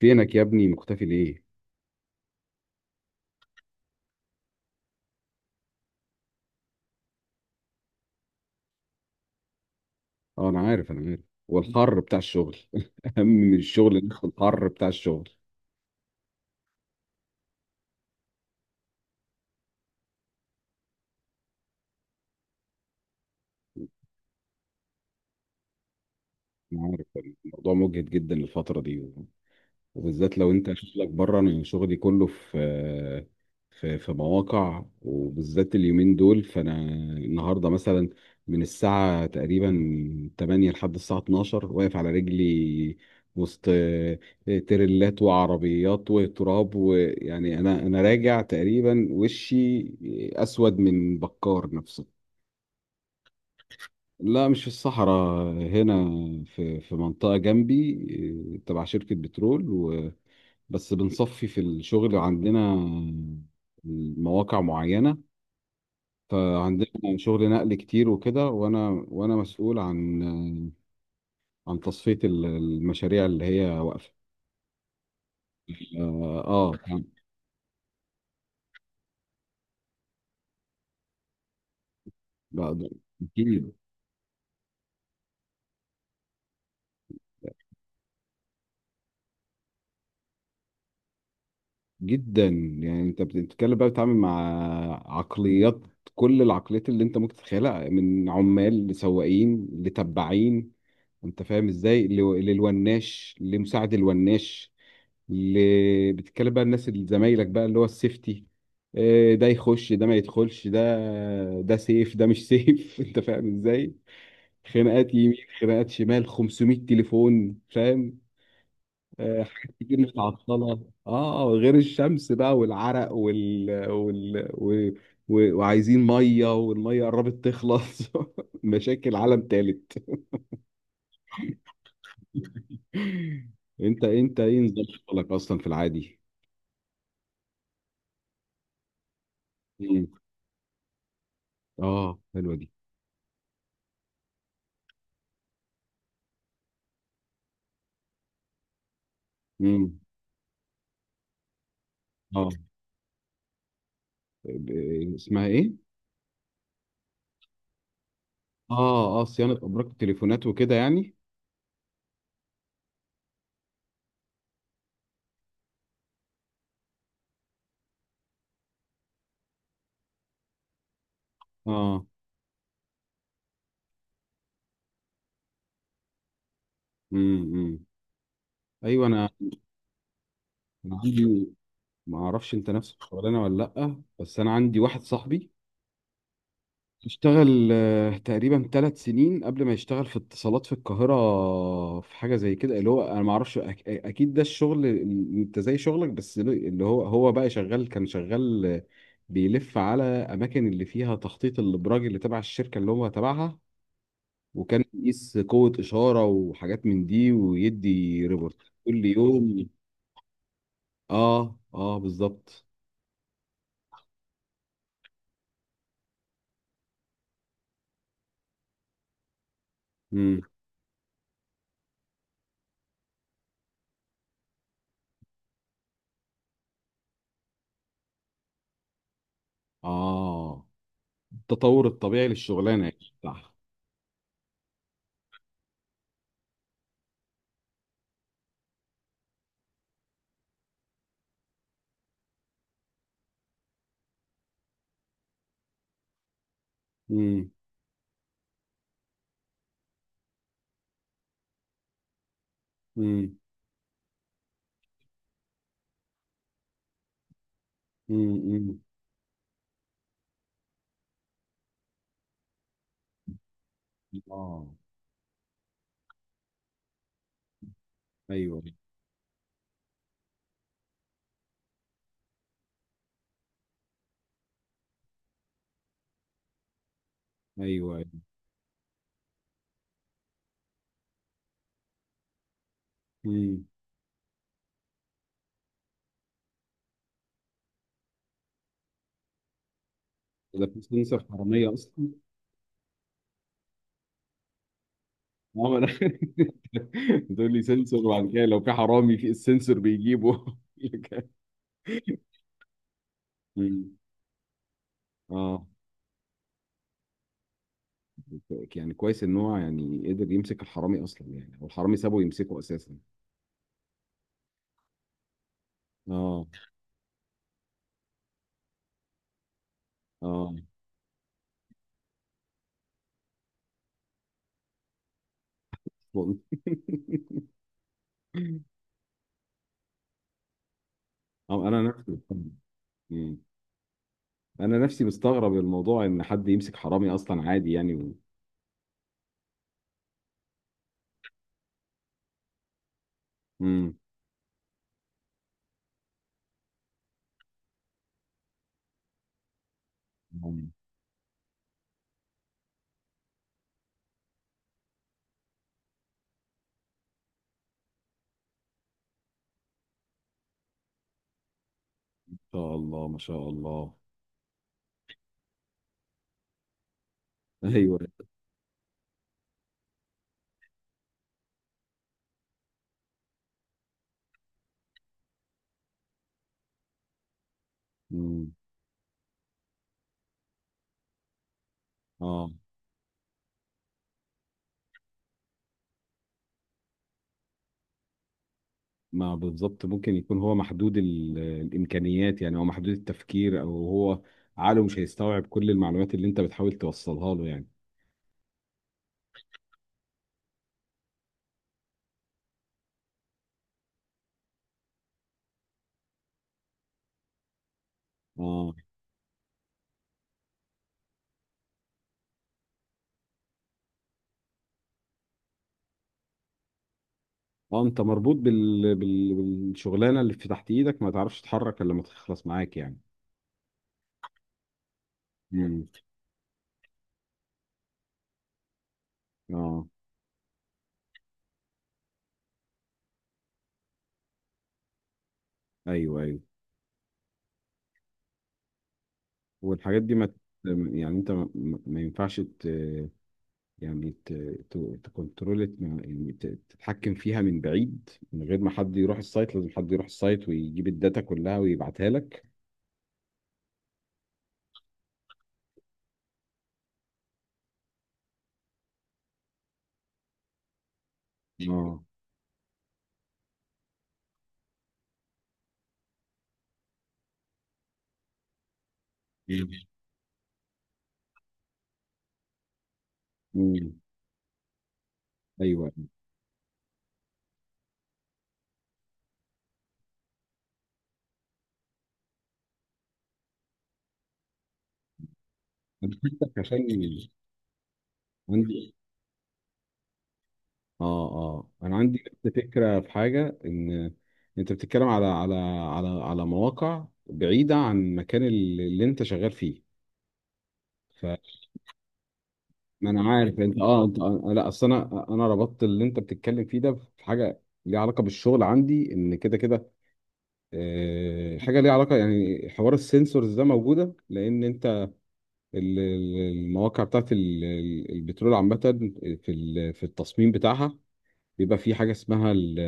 فينك يا ابني مختفي ليه؟ اه انا عارف انا عارف. والحر بتاع الشغل اهم من الشغل إن إحنا الحر بتاع الشغل. انا عارف، الموضوع مجهد جدا الفترة دي، وبالذات لو انت شغلك بره. انا شغلي كله في في مواقع، وبالذات اليومين دول. فانا النهارده مثلا من الساعه تقريبا 8 لحد الساعه 12 واقف على رجلي، وسط تريلات وعربيات وتراب، ويعني انا راجع تقريبا وشي اسود من بكار نفسه. لا مش في الصحراء، هنا في منطقه جنبي، تبع شركه بترول. بس بنصفي في الشغل عندنا مواقع معينة، فعندنا شغل نقل كتير وكده. وأنا مسؤول عن عن تصفية المشاريع اللي هي واقفة. يعني بقدر. كتير جدا، يعني أنت بتتكلم بقى، بتتعامل مع عقليات، كل العقليات اللي أنت ممكن تتخيلها، من عمال لسواقين لتبعين، أنت فاهم إزاي، للوناش، لمساعد الوناش، اللي بتتكلم بقى الناس اللي زمايلك بقى اللي هو السيفتي. ده يخش، ده ما يدخلش، ده ده سيف، ده مش سيف انت فاهم ازاي. خناقات يمين، خناقات شمال، 500 تليفون، فاهم. حاجات كتير متعطلة، اه، غير الشمس بقى والعرق وعايزين مية، والمية قربت تخلص مشاكل عالم تالت. انت ايه نظام شغلك اصلا في العادي؟ مم. اه حلوة دي. مم. اه، اسمها ايه؟ اه اه، صيانه ابراج التليفونات وكده يعني. اه، امم امم. ايوه انا. أنا عندي، ما اعرفش انت نفس الشغلانه ولا لا، بس انا عندي واحد صاحبي اشتغل تقريبا 3 سنين قبل ما يشتغل في اتصالات في القاهره في حاجه زي كده. اللي هو انا ما اعرفش، اكيد ده الشغل اللي انت زي شغلك. بس اللي هو بقى شغال، كان شغال، بيلف على اماكن اللي فيها تخطيط الابراج اللي تبع الشركه اللي هو تبعها، وكان بيقيس قوة إشارة وحاجات من دي، ويدي ريبورت كل يوم. اه اه بالظبط. امم. اه، التطور الطبيعي للشغلانة يعني، صح. امم. امم امم. اه. ايوه ايوه. امم. ده في سنسور حرامية اصلا؟ اه ما انا تقول لي سنسور، وبعد كده لو في حرامي في السنسور بيجيبه أمم. اه، يعني كويس ان هو يعني قدر يمسك الحرامي اصلا يعني، والحرامي سابه يمسكه اساسا. اه. اه والله. اه انا نفسي. مم. انا نفسي مستغرب الموضوع ان حد يمسك حرامي اصلا عادي يعني، و... مم. مم. ما شاء الله ما شاء الله. ايوه. مم. اه ما بالظبط، ممكن يكون هو محدود الامكانيات يعني، او محدود التفكير، او هو عقله مش هيستوعب كل المعلومات اللي انت بتحاول توصلها له يعني. اه اه، انت مربوط بالشغلانه اللي في تحت ايدك، ما تعرفش تتحرك الا لما تخلص معاك يعني. مم. اه ايوه ايوه. والحاجات دي ما يعني انت ما ينفعش يعني ت... تكنترول يعني، تتحكم فيها من بعيد، من غير ما حد يروح السايت؟ لازم حد يروح السايت ويجيب الداتا كلها ويبعتها لك. اه. امم. ايوه انا حاسسك عشان عندي. اه اه، انا عندي نفس الفكره في حاجه. ان انت بتتكلم على مواقع بعيده عن المكان اللي انت شغال فيه. ما انا عارف انت، اه انت آه، لا اصل انا ربطت اللي انت بتتكلم فيه ده في حاجه ليها علاقه بالشغل عندي، ان كده كده حاجه ليها علاقه. يعني حوار السنسورز ده موجوده لان انت ال- ال- المواقع بتاعت البترول عامه، في في التصميم بتاعها بيبقى في حاجه اسمها ال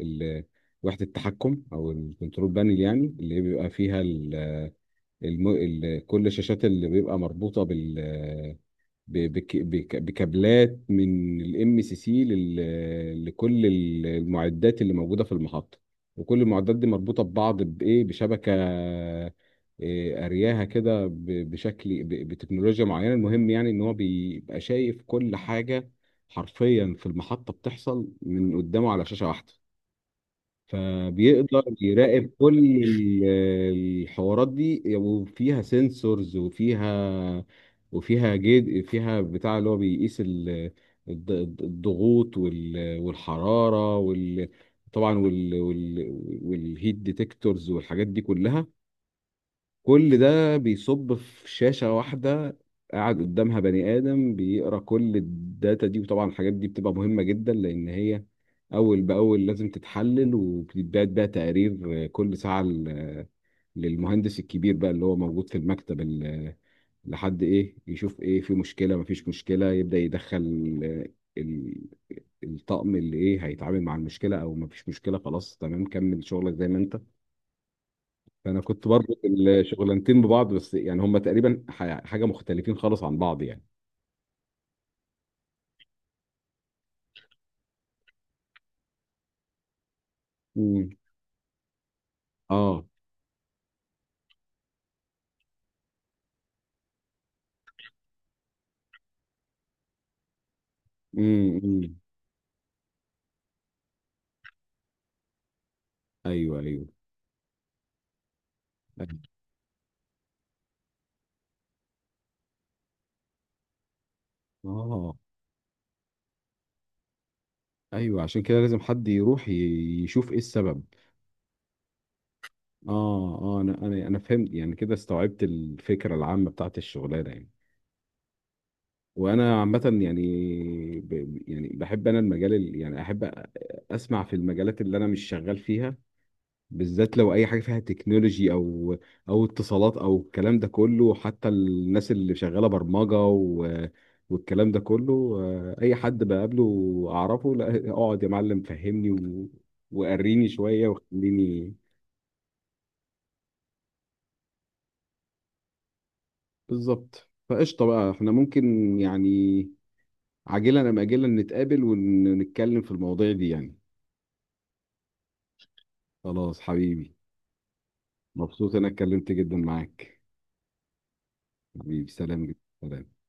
ال وحده التحكم او الكنترول بانل، يعني اللي بيبقى فيها كل الشاشات، اللي بيبقى مربوطه بال ب- بك- بك- بكابلات من الام سي سي، لكل المعدات اللي موجوده في المحطه. وكل المعدات دي مربوطه ببعض بايه، بشبكه. إيه، ارياها كده بشكل بتكنولوجيا معينه. المهم يعني ان هو بيبقى شايف كل حاجه حرفيا في المحطه بتحصل من قدامه على شاشه واحده، فبيقدر يراقب كل ال- الحوارات دي. وفيها سنسورز، وفيها جد، فيها بتاع اللي هو بيقيس الضغوط والحرارة، طبعا وال... وال... والهيت ديتكتورز والحاجات دي كلها. كل ده بيصب في شاشة واحدة، قاعد قدامها بني آدم بيقرا كل الداتا دي. وطبعا الحاجات دي بتبقى مهمة جدا لأن هي أول بأول لازم تتحلل، وبيتبعت بقى تقارير كل ساعة للمهندس الكبير بقى اللي هو موجود في المكتب، لحد إيه، يشوف إيه، في مشكلة مفيش مشكلة، يبدأ يدخل ال- الطقم اللي إيه هيتعامل مع المشكلة، أو مفيش مشكلة، خلاص تمام كمل شغلك زي ما أنت. فانا كنت بربط الشغلانتين ببعض، بس يعني هم تقريبا حاجه مختلفين خالص عن بعض يعني. امم. اه. امم. أمم. ايوه ايوه. أيوة. اه. ايوه، عشان كده لازم حد يروح يشوف ايه السبب. اه اه، انا فهمت يعني، كده استوعبت الفكره العامه بتاعت الشغلانه يعني. وانا عامه يعني، ب... يعني بحب انا المجال يعني احب اسمع في المجالات اللي انا مش شغال فيها، بالذات لو اي حاجه فيها تكنولوجي او او اتصالات او الكلام ده كله، حتى الناس اللي شغاله برمجه و... والكلام ده كله. اي حد بقابله اعرفه، لا اقعد يا معلم فهمني و... وقريني شويه وخليني. بالظبط. فقشطه بقى، احنا ممكن يعني عاجلا ام اجلا نتقابل ونتكلم في المواضيع دي يعني. خلاص حبيبي. مبسوط انا اتكلمت جدا معاك. حبيبي سلام، جدا سلام.